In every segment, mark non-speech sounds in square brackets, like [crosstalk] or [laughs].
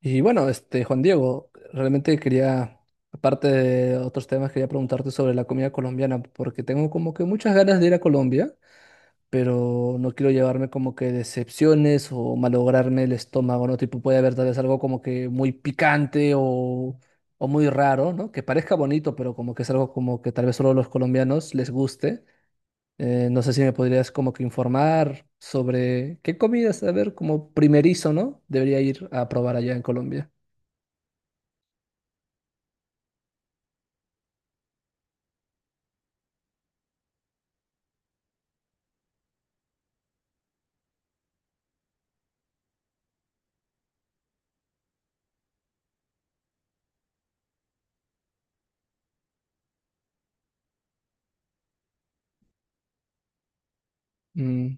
Y bueno, este, Juan Diego, realmente quería, aparte de otros temas, quería preguntarte sobre la comida colombiana, porque tengo como que muchas ganas de ir a Colombia, pero no quiero llevarme como que decepciones o malograrme el estómago, ¿no? Tipo, puede haber tal vez algo como que muy picante o muy raro, ¿no? Que parezca bonito, pero como que es algo como que tal vez solo a los colombianos les guste. No sé si me podrías como que informar sobre qué comidas, a ver, como primerizo, ¿no? Debería ir a probar allá en Colombia. Mm,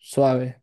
suave.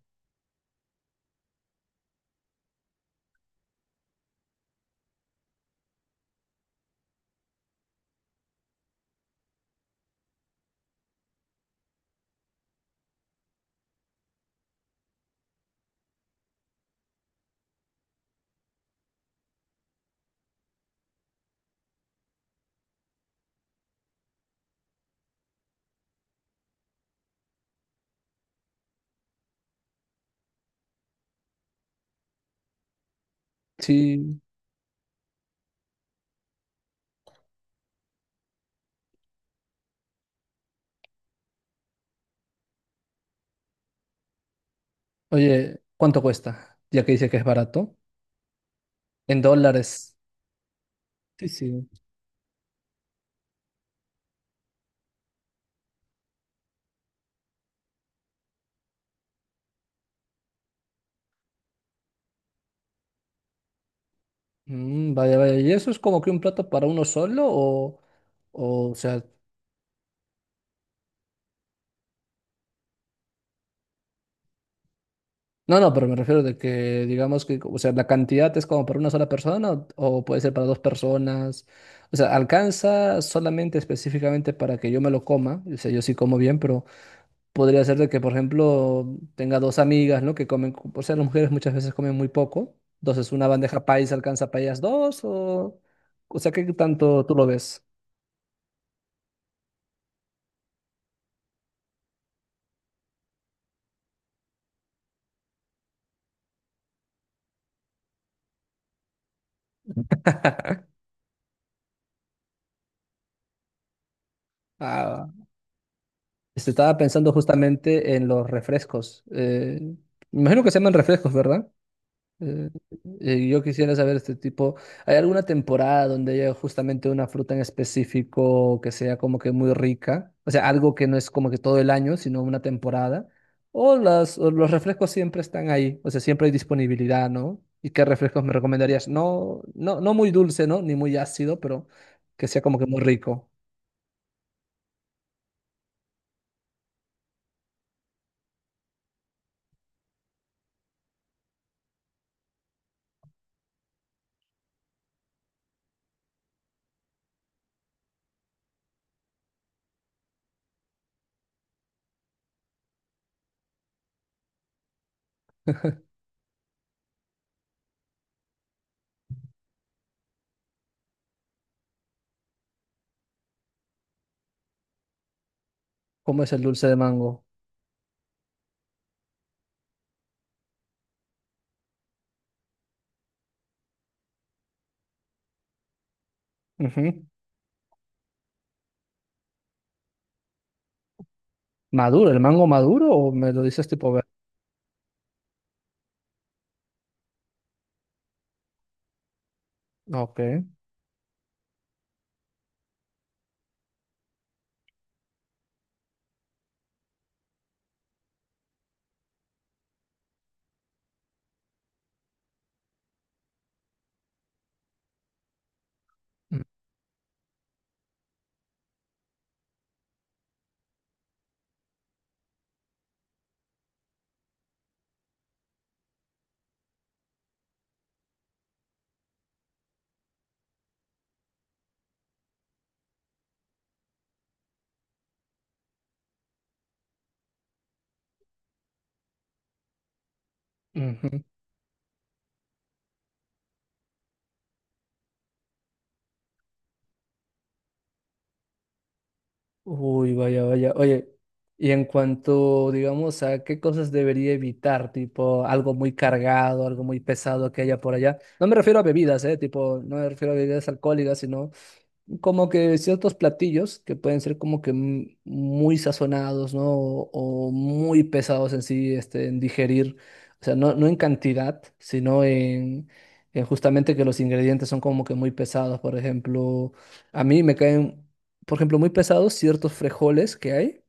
Sí. Oye, ¿cuánto cuesta? Ya que dice que es barato. En dólares. Sí, sí. Mm, vaya, vaya. ¿Y eso es como que un plato para uno solo o sea, no, no, pero me refiero de que digamos que, o sea, la cantidad es como para una sola persona o puede ser para dos personas. O sea, alcanza solamente específicamente para que yo me lo coma. O sea, yo sí como bien, pero podría ser de que, por ejemplo, tenga dos amigas, ¿no? Que comen, o sea, las mujeres muchas veces comen muy poco. Entonces, una bandeja paisa alcanza para ellas dos, o sea, ¿qué tanto tú lo ves? Ah, este, estaba pensando justamente en los refrescos. Me imagino que se llaman refrescos, ¿verdad? Eh, yo quisiera saber este tipo, ¿hay alguna temporada donde haya justamente una fruta en específico que sea como que muy rica? O sea, algo que no es como que todo el año, sino una temporada. O las, o los refrescos siempre están ahí, o sea, siempre hay disponibilidad, ¿no? ¿Y qué refrescos me recomendarías? No, no, no muy dulce, ¿no? Ni muy ácido, pero que sea como que muy rico. ¿Cómo es el dulce de mango? Ujú. ¿Maduro? ¿El mango maduro o me lo dices tipo verde? Ok. Ujú. Uy, vaya, vaya. Oye, y en cuanto, digamos, a qué cosas debería evitar, tipo algo muy cargado, algo muy pesado que haya por allá. No me refiero a bebidas, ¿eh? Tipo, no me refiero a bebidas alcohólicas, sino como que ciertos platillos que pueden ser como que muy sazonados, ¿no? O muy pesados en sí, este, en digerir. O sea, no, no en cantidad, sino en justamente que los ingredientes son como que muy pesados. Por ejemplo, a mí me caen, por ejemplo, muy pesados ciertos frijoles que hay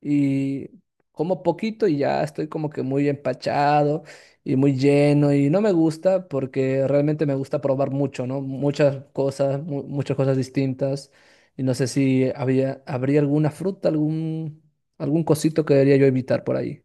y como poquito y ya estoy como que muy empachado y muy lleno y no me gusta porque realmente me gusta probar mucho, ¿no? Muchas cosas, muchas cosas distintas y no sé si habría alguna fruta, algún, algún cosito que debería yo evitar por ahí.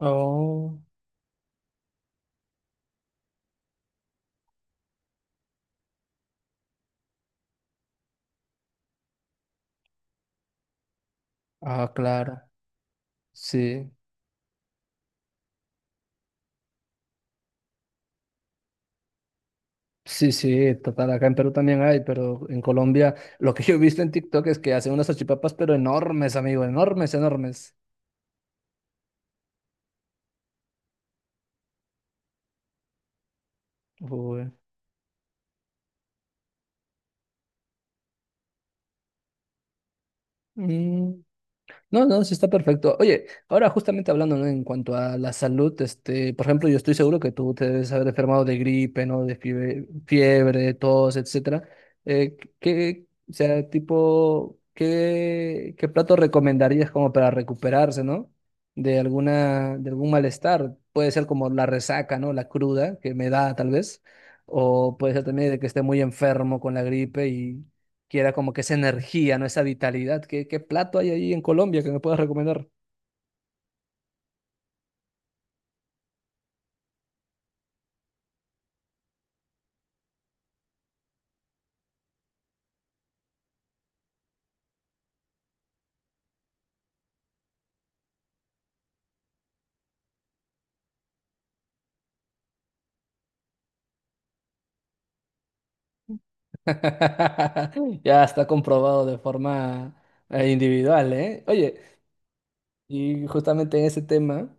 Oh, ah, claro. Sí, sí, sí, total. Acá en Perú también hay, pero en Colombia lo que yo he visto en TikTok es que hacen unas salchipapas, pero enormes, amigo, enormes, enormes. Uy. Mm. No, no, sí está perfecto. Oye, ahora justamente hablando, ¿no? En cuanto a la salud, este, por ejemplo, yo estoy seguro que tú te debes haber enfermado de gripe, ¿no? De fiebre, fiebre, tos, etcétera. ¿Qué, o sea, tipo, qué plato recomendarías como para recuperarse, ¿no? De alguna, de algún malestar. Puede ser como la resaca, ¿no? La cruda que me da tal vez. O puede ser también de que esté muy enfermo con la gripe y quiera como que esa energía, ¿no? Esa vitalidad. ¿Qué plato hay ahí en Colombia que me puedas recomendar? [laughs] Ya está comprobado de forma individual, ¿eh? Oye, y justamente en ese tema,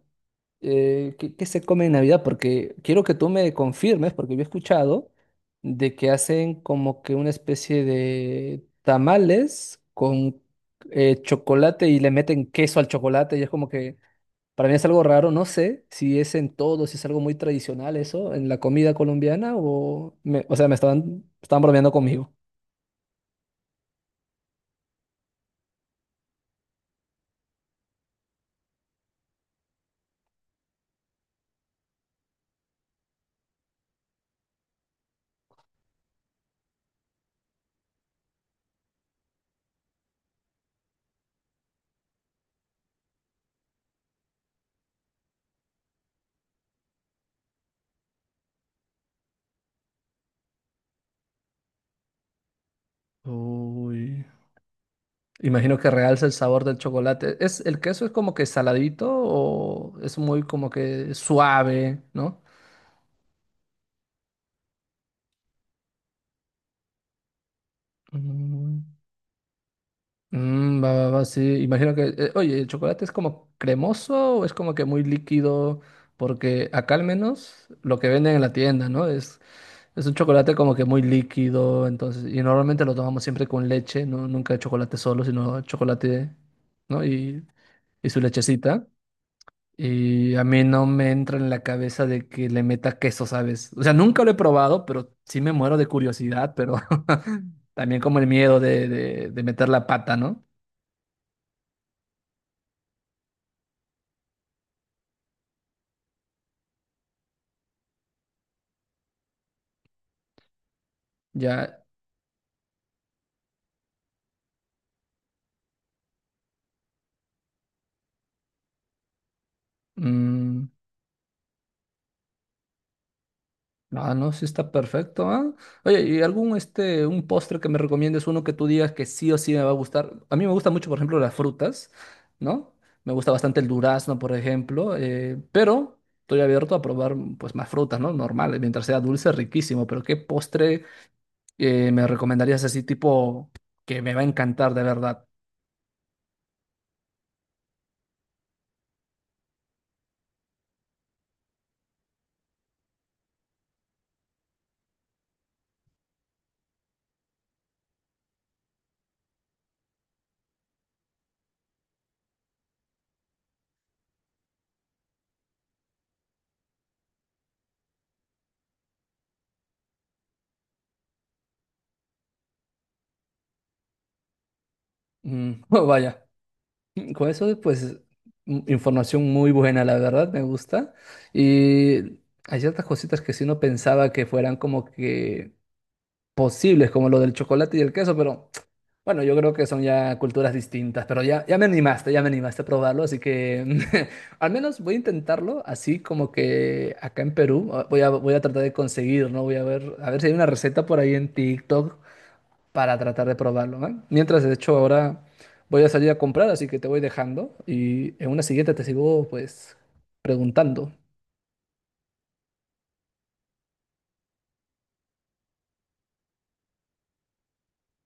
¿qué, qué se come en Navidad? Porque quiero que tú me confirmes, porque yo he escuchado de que hacen como que una especie de tamales con chocolate y le meten queso al chocolate y es como que para mí es algo raro, no sé si es en todo, si es algo muy tradicional eso, en la comida colombiana o... o sea, estaban bromeando conmigo. Uy. Imagino que realza el sabor del chocolate. ¿Es, el queso es como que saladito o es muy como que suave, ¿no? Mm. Mm, va, va, va, sí. Imagino que, oye, ¿el chocolate es como cremoso o es como que muy líquido? Porque acá al menos lo que venden en la tienda, ¿no? Es un chocolate como que muy líquido, entonces, y normalmente lo tomamos siempre con leche, ¿no? Nunca chocolate solo, sino chocolate, ¿no? Y su lechecita. Y a mí no me entra en la cabeza de que le meta queso, ¿sabes? O sea, nunca lo he probado, pero sí me muero de curiosidad, pero [laughs] también como el miedo de meter la pata, ¿no? Ya, mm, ah, no, sí está perfecto, ¿ah? Oye, ¿y algún este, un postre que me recomiendes, uno que tú digas que sí o sí me va a gustar? A mí me gusta mucho, por ejemplo, las frutas, ¿no? Me gusta bastante el durazno, por ejemplo, pero estoy abierto a probar mm, pues más frutas, ¿no? Normal, mientras sea dulce, riquísimo, pero ¿qué postre me recomendarías así tipo que me va a encantar de verdad? Mm, [laughs] vaya. [laughs] Con eso, pues, información muy buena, la verdad, me gusta. Y hay ciertas cositas que sí no pensaba que fueran como que posibles, como lo del chocolate y el queso, pero bueno, yo creo que son ya culturas distintas, pero ya, ya me animaste a probarlo, así que [laughs] al menos voy a intentarlo, así como que acá en Perú, ah, voy a tratar de conseguir, ¿no? Voy a ver si hay una receta por ahí en TikTok para tratar de probarlo, ¿eh? Mientras, de hecho, ahora voy a salir a comprar, así que te voy dejando y en una siguiente te sigo, pues, preguntando.